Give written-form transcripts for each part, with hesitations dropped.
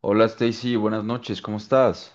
Hola Stacy, buenas noches, ¿cómo estás?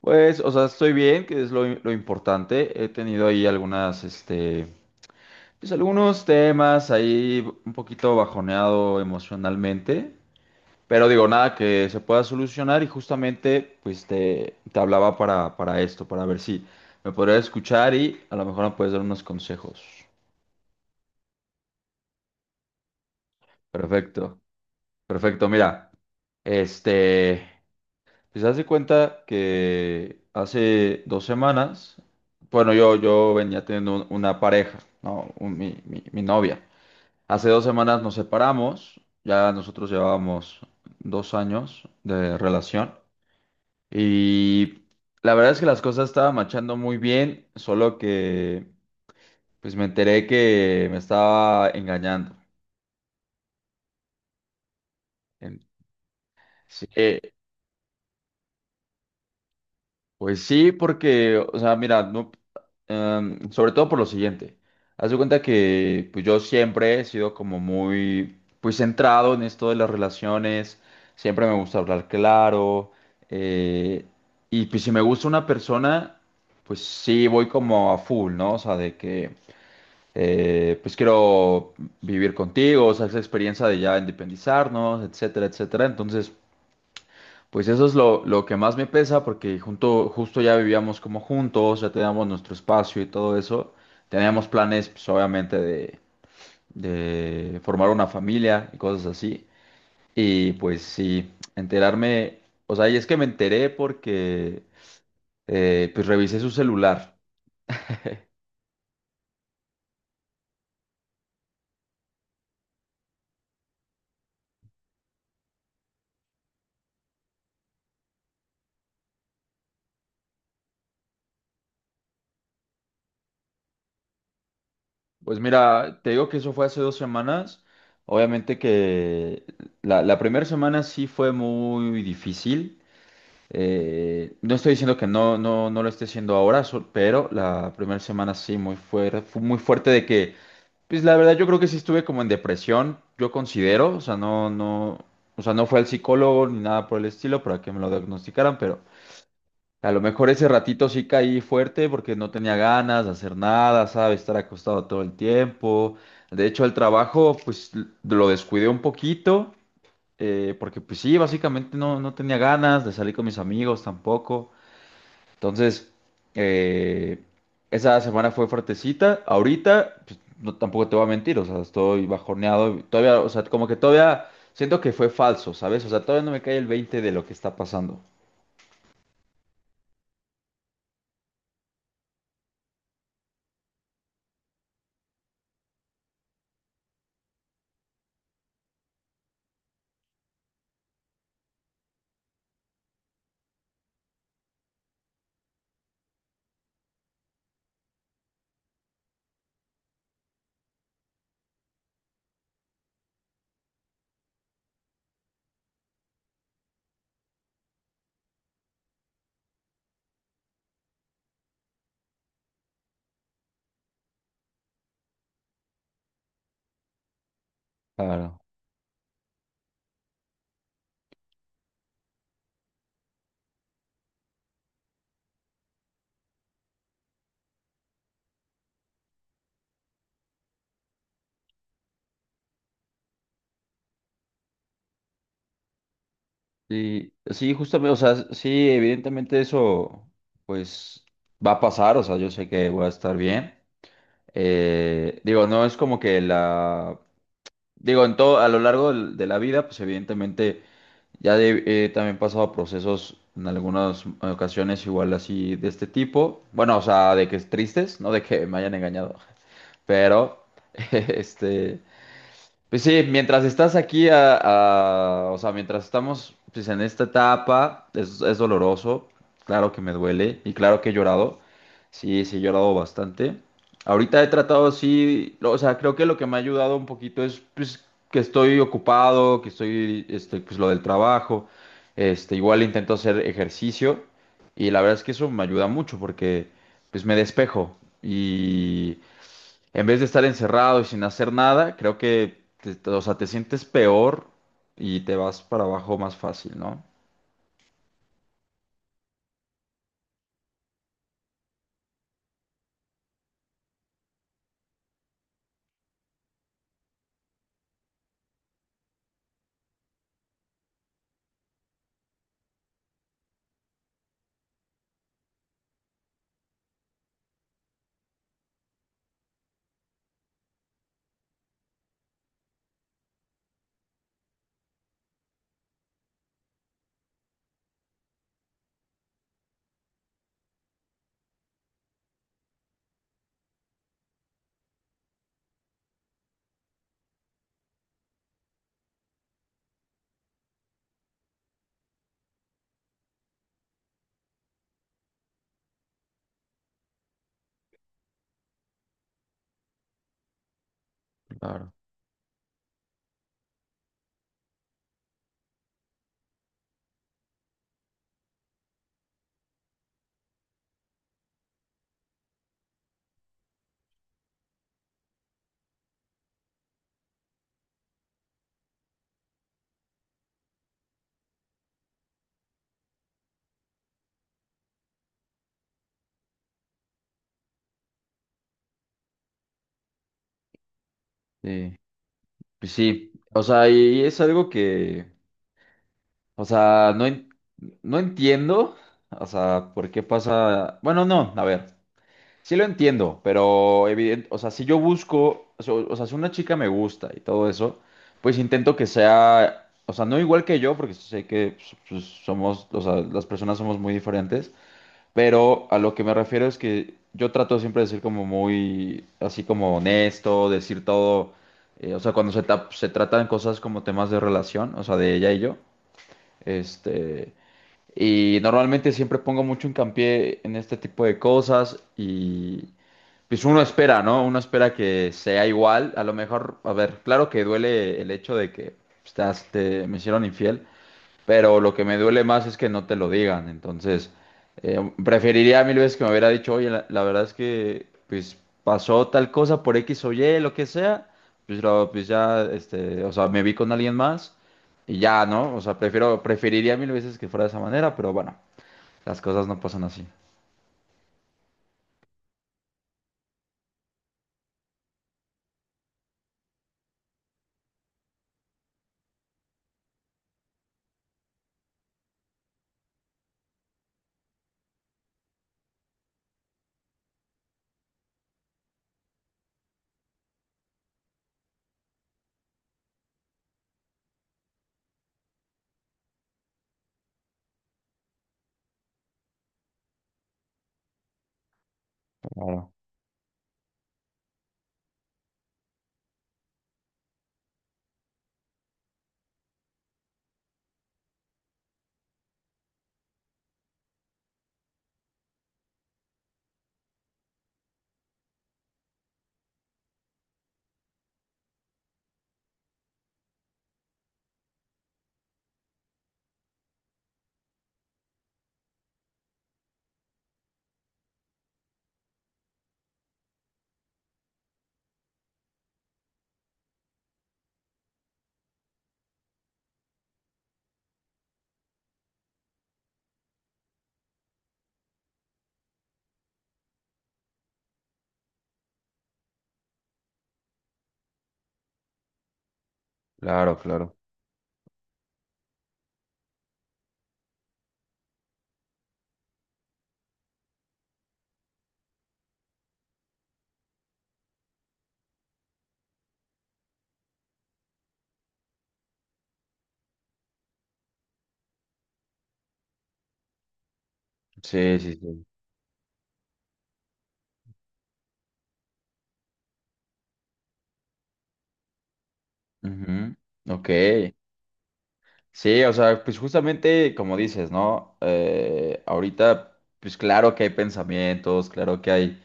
Pues, o sea, estoy bien, que es lo importante. He tenido ahí algunas, pues algunos temas ahí un poquito bajoneado emocionalmente, pero digo, nada que se pueda solucionar y justamente, pues te hablaba para esto, para ver si me podrías escuchar y a lo mejor me puedes dar unos consejos. Perfecto, perfecto, mira, este... Pues haz de cuenta que hace dos semanas, bueno, yo venía teniendo una pareja, ¿no? Mi, mi novia. Hace dos semanas nos separamos, ya nosotros llevábamos dos años de relación y la verdad es que las cosas estaban marchando muy bien, solo que pues me enteré que me estaba engañando. En- Sí. Pues sí, porque, o sea, mira, no, sobre todo por lo siguiente. Haz de cuenta que pues yo siempre he sido como muy pues centrado en esto de las relaciones, siempre me gusta hablar claro, eh, y pues si me gusta una persona, pues sí voy como a full, ¿no? O sea, de que pues quiero vivir contigo, o sea, esa experiencia de ya independizarnos, etcétera, etcétera. Entonces... Pues eso es lo que más me pesa porque justo ya vivíamos como juntos, ya teníamos nuestro espacio y todo eso. Teníamos planes, pues obviamente, de formar una familia y cosas así. Y pues sí, enterarme, o sea, y es que me enteré porque pues revisé su celular. Pues mira, te digo que eso fue hace dos semanas. Obviamente que la primera semana sí fue muy difícil. No estoy diciendo que no lo esté haciendo ahora, pero la primera semana sí, muy fuerte, fue muy fuerte de que, pues la verdad yo creo que sí estuve como en depresión, yo considero, o sea, o sea, no fue al psicólogo ni nada por el estilo para que me lo diagnosticaran, pero a lo mejor ese ratito sí caí fuerte porque no tenía ganas de hacer nada, ¿sabes? Estar acostado todo el tiempo. De hecho, el trabajo, pues lo descuidé un poquito, porque pues sí, básicamente no tenía ganas de salir con mis amigos tampoco. Entonces, eh, esa semana fue fuertecita. Ahorita, pues, no, tampoco te voy a mentir, o sea, estoy bajoneado. Todavía, o sea, como que todavía siento que fue falso, ¿sabes? O sea, todavía no me cae el 20 de lo que está pasando. Claro. Sí, sí, justamente, o sea, sí, evidentemente eso, pues, va a pasar, o sea, yo sé que voy a estar bien. Digo, no es como que la, digo, en todo, a lo largo de la vida, pues, evidentemente ya he también pasado procesos en algunas ocasiones igual así de este tipo. Bueno, o sea, de que es tristes, no de que me hayan engañado, pero este, pues sí, mientras estás aquí, o sea, mientras estamos pues, en esta etapa, es doloroso, claro que me duele y claro que he llorado, sí, sí, he llorado bastante. Ahorita he tratado, sí, o sea, creo que lo que me ha ayudado un poquito es pues, que estoy ocupado, que estoy, pues lo del trabajo, igual intento hacer ejercicio y la verdad es que eso me ayuda mucho porque pues me despejo en vez de estar encerrado y sin hacer nada, creo que o sea, te sientes peor y te vas para abajo más fácil, ¿no? Claro. Sí. Pues sí, o sea, y es algo que, o sea, no entiendo, o sea, por qué pasa, bueno, no, a ver, sí lo entiendo, pero evidente, o sea, si yo busco, si una chica me gusta y todo eso, pues intento que sea, o sea, no igual que yo, porque sé que pues somos, o sea, las personas somos muy diferentes. Pero a lo que me refiero es que yo trato siempre de ser como muy, así como honesto, decir todo, o sea, cuando se tratan cosas como temas de relación, o sea, de ella y yo, este, y normalmente siempre pongo mucho hincapié en este tipo de cosas y pues uno espera, ¿no? Uno espera que sea igual, a lo mejor, a ver, claro que duele el hecho de que pues, me hicieron infiel, pero lo que me duele más es que no te lo digan. Entonces, preferiría mil veces que me hubiera dicho, oye, la verdad es que pues pasó tal cosa por X o Y, lo que sea, pues, pues ya, o sea, me vi con alguien más y ya, ¿no? O sea, preferiría mil veces que fuera de esa manera, pero bueno, las cosas no pasan así. Claro, claro, claro. Sí, sí, sí. Ujú. Ok. Sí, o sea, pues justamente como dices, ¿no? Ahorita, pues claro que hay pensamientos, claro que hay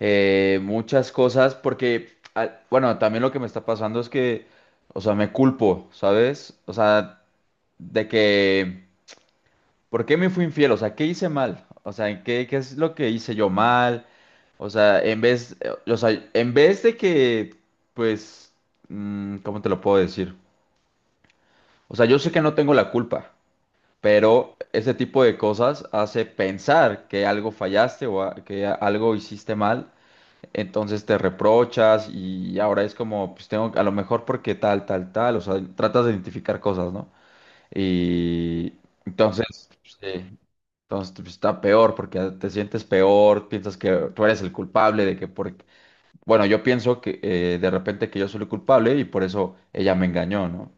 muchas cosas, porque, ah, bueno, también lo que me está pasando es que, o sea, me culpo, ¿sabes? O sea, de que, ¿por qué me fui infiel? O sea, ¿qué hice mal? O sea, qué es lo que hice yo mal? O sea, o sea, en vez de que, pues, mm, ¿cómo te lo puedo decir? O sea, yo sé que no tengo la culpa. Pero ese tipo de cosas hace pensar que algo fallaste o algo hiciste mal. Entonces te reprochas y ahora es como, pues tengo, a lo mejor porque tal, tal, tal. O sea, tratas de identificar cosas, ¿no? Y entonces, pues, sí, entonces pues, está peor porque te sientes peor, piensas que tú eres el culpable de que por... Bueno, yo pienso que de repente que yo soy el culpable y por eso ella me engañó, ¿no?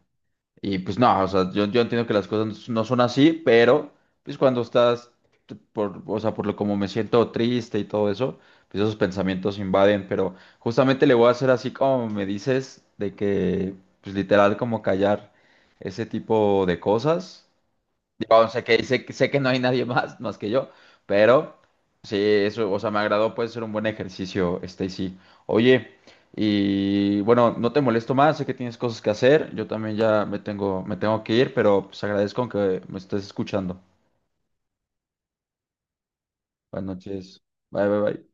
Y pues no, o sea, yo entiendo que las cosas no son así, pero pues cuando estás, o sea, por lo como me siento triste y todo eso, pues esos pensamientos invaden, pero justamente le voy a hacer así como me dices, de que pues literal como callar ese tipo de cosas. Yo sé que, sé que no hay nadie más, más que yo, pero sí, eso, o sea, me agradó, puede ser un buen ejercicio, Stacy. Oye, y bueno, no te molesto más, sé que tienes cosas que hacer, yo también ya me tengo que ir, pero pues agradezco que me estés escuchando. Buenas noches, bye, bye, bye.